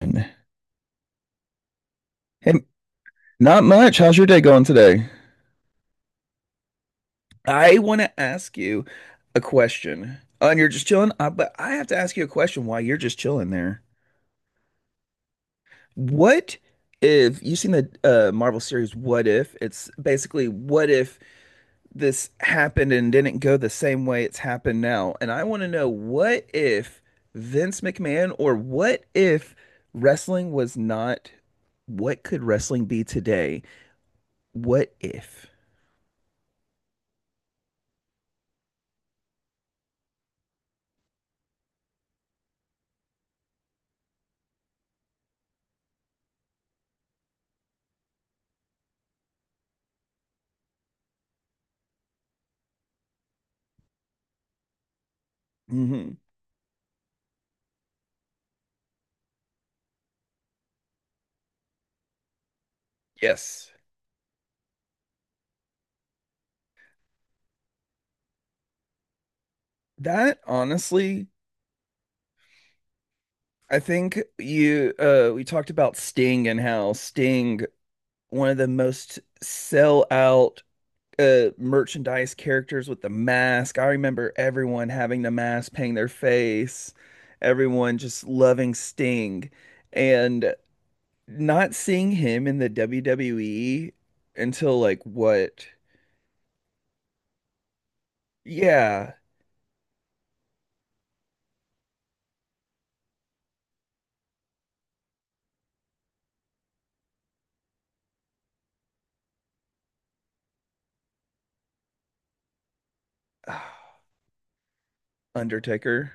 Hey, not much. How's your day going today? I want to ask you a question. Oh, and you're just chilling, but I have to ask you a question while you're just chilling there. What if you've seen the Marvel series What If? It's basically what if this happened and didn't go the same way it's happened now? And I want to know what if Vince McMahon or what if wrestling was not, what could wrestling be today? What if? Hmm. Yes. That honestly, I think you we talked about Sting and how Sting, one of the most sell out merchandise characters with the mask. I remember everyone having the mask, painting their face, everyone just loving Sting. And not seeing him in the WWE until like what? Yeah. Undertaker.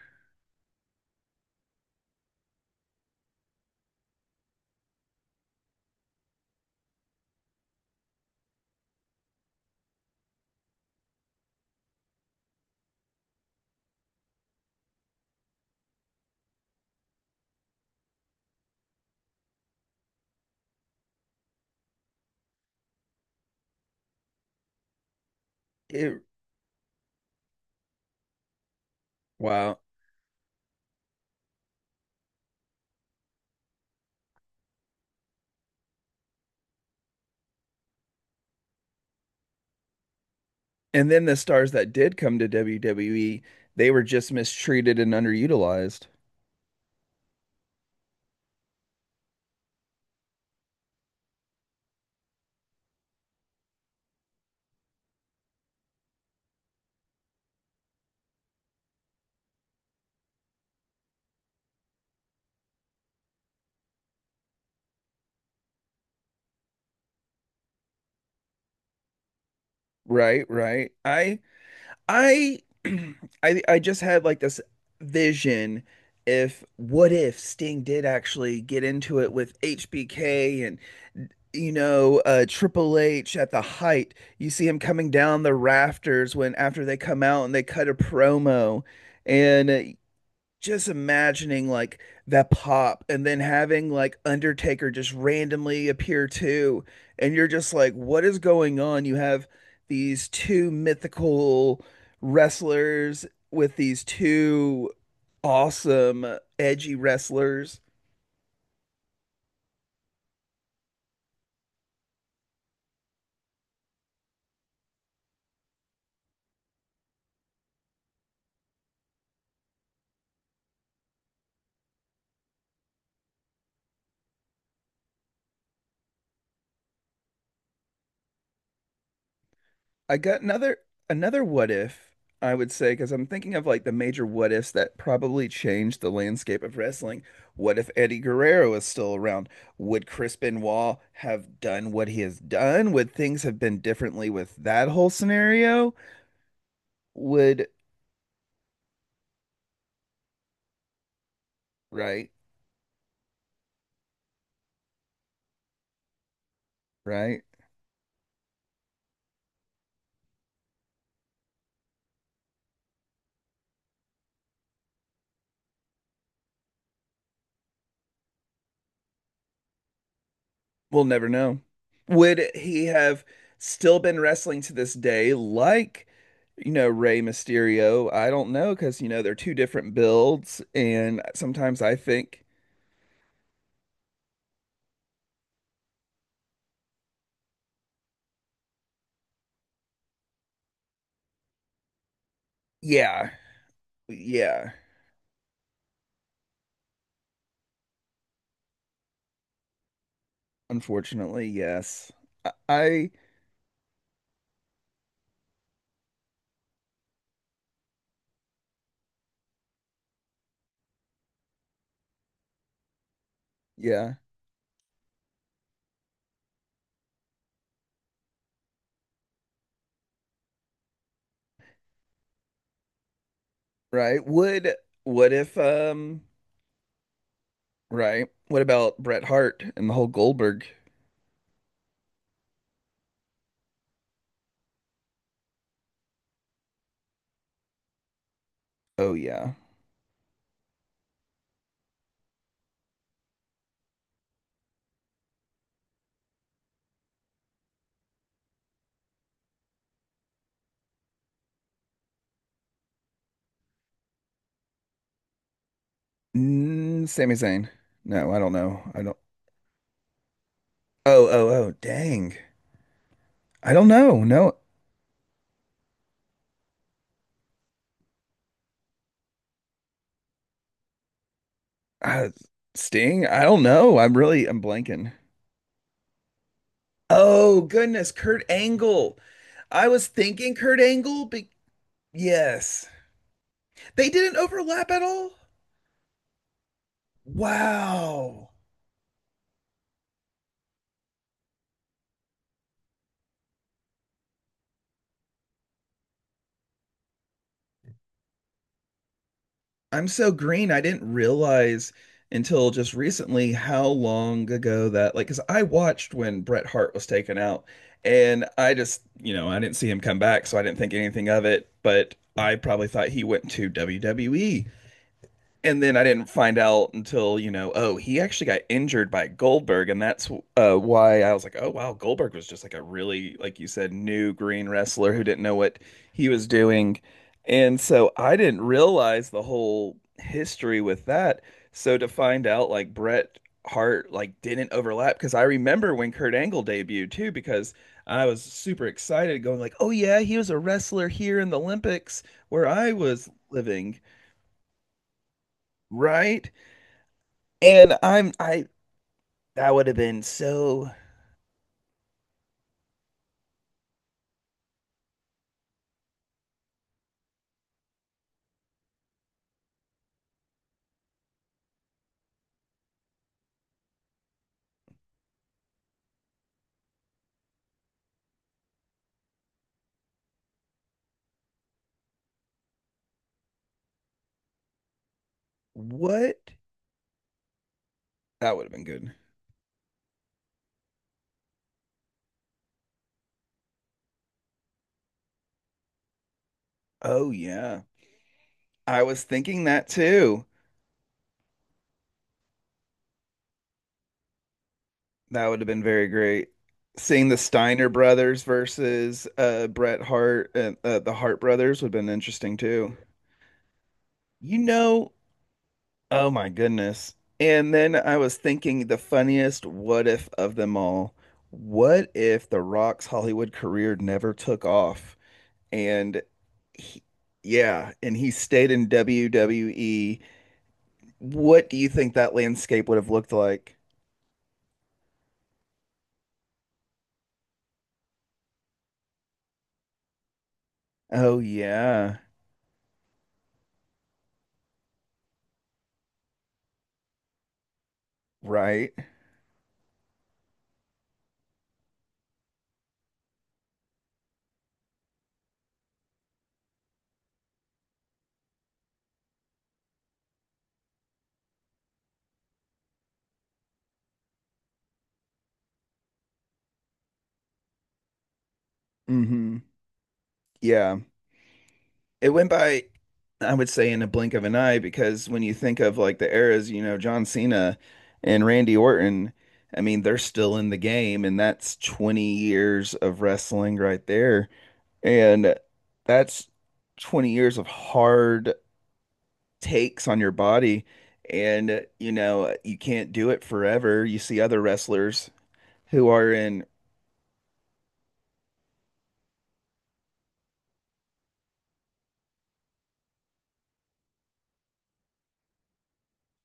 It wow. And then the stars that did come to WWE, they were just mistreated and underutilized. Right, right. I I just had like this vision if what if Sting did actually get into it with HBK and Triple H at the height. You see him coming down the rafters when after they come out and they cut a promo and just imagining like that pop and then having like Undertaker just randomly appear too. And you're just like, what is going on? You have these two mythical wrestlers with these two awesome, edgy wrestlers. I got another what if I would say because I'm thinking of like the major what ifs that probably changed the landscape of wrestling. What if Eddie Guerrero is still around? Would Chris Benoit have done what he has done? Would things have been differently with that whole scenario? Would right, right? We'll never know. Would he have still been wrestling to this day like you know, Rey Mysterio. I don't know because, you know, they're two different builds. And sometimes I think yeah. Yeah. Unfortunately, yes. I yeah, right. Would what if right. What about Bret Hart and the whole Goldberg? Oh yeah. Mm, Sami Zayn. No, I don't know. I don't. Oh, oh, oh, dang. I don't know. No. Uh, Sting? I don't know. I'm really I'm blanking. Oh, goodness, Kurt Angle. I was thinking Kurt Angle, but yes. They didn't overlap at all? Wow. I'm so green. I didn't realize until just recently how long ago that, like, because I watched when Bret Hart was taken out, and I just, you know, I didn't see him come back, so I didn't think anything of it. But I probably thought he went to WWE. And then I didn't find out until, you know, oh, he actually got injured by Goldberg. And that's why I was like, oh, wow, Goldberg was just like a really, like you said, new green wrestler who didn't know what he was doing. And so I didn't realize the whole history with that. So to find out, like, Bret Hart, like, didn't overlap because I remember when Kurt Angle debuted too, because I was super excited going, like, oh, yeah, he was a wrestler here in the Olympics where I was living, right? And I that would have been so what? That would have been good. Oh yeah. I was thinking that too. That would have been very great. Seeing the Steiner brothers versus Bret Hart and the Hart brothers would have been interesting too. You know, oh my goodness. And then I was thinking the funniest what if of them all. What if The Rock's Hollywood career never took off? And he, yeah, and he stayed in WWE. What do you think that landscape would have looked like? Oh yeah, right. Mm-hmm. Yeah. It went by, I would say, in a blink of an eye because when you think of like the eras, you know, John Cena and Randy Orton, I mean, they're still in the game, and that's 20 years of wrestling right there. And that's 20 years of hard takes on your body and you know you can't do it forever you see other wrestlers who are in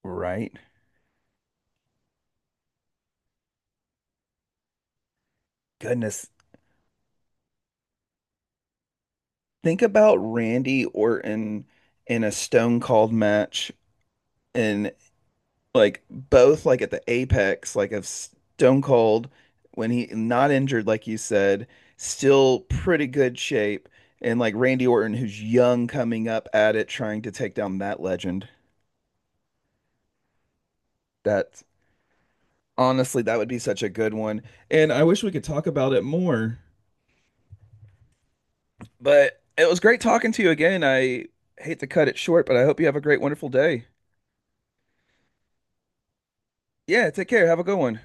right goodness think about Randy Orton in a Stone Cold match and like both like at the apex like of Stone Cold when he not injured like you said still pretty good shape and like Randy Orton who's young coming up at it trying to take down that legend that. Honestly, that would be such a good one. And I wish we could talk about it more. But it was great talking to you again. I hate to cut it short, but I hope you have a great, wonderful day. Yeah, take care. Have a good one.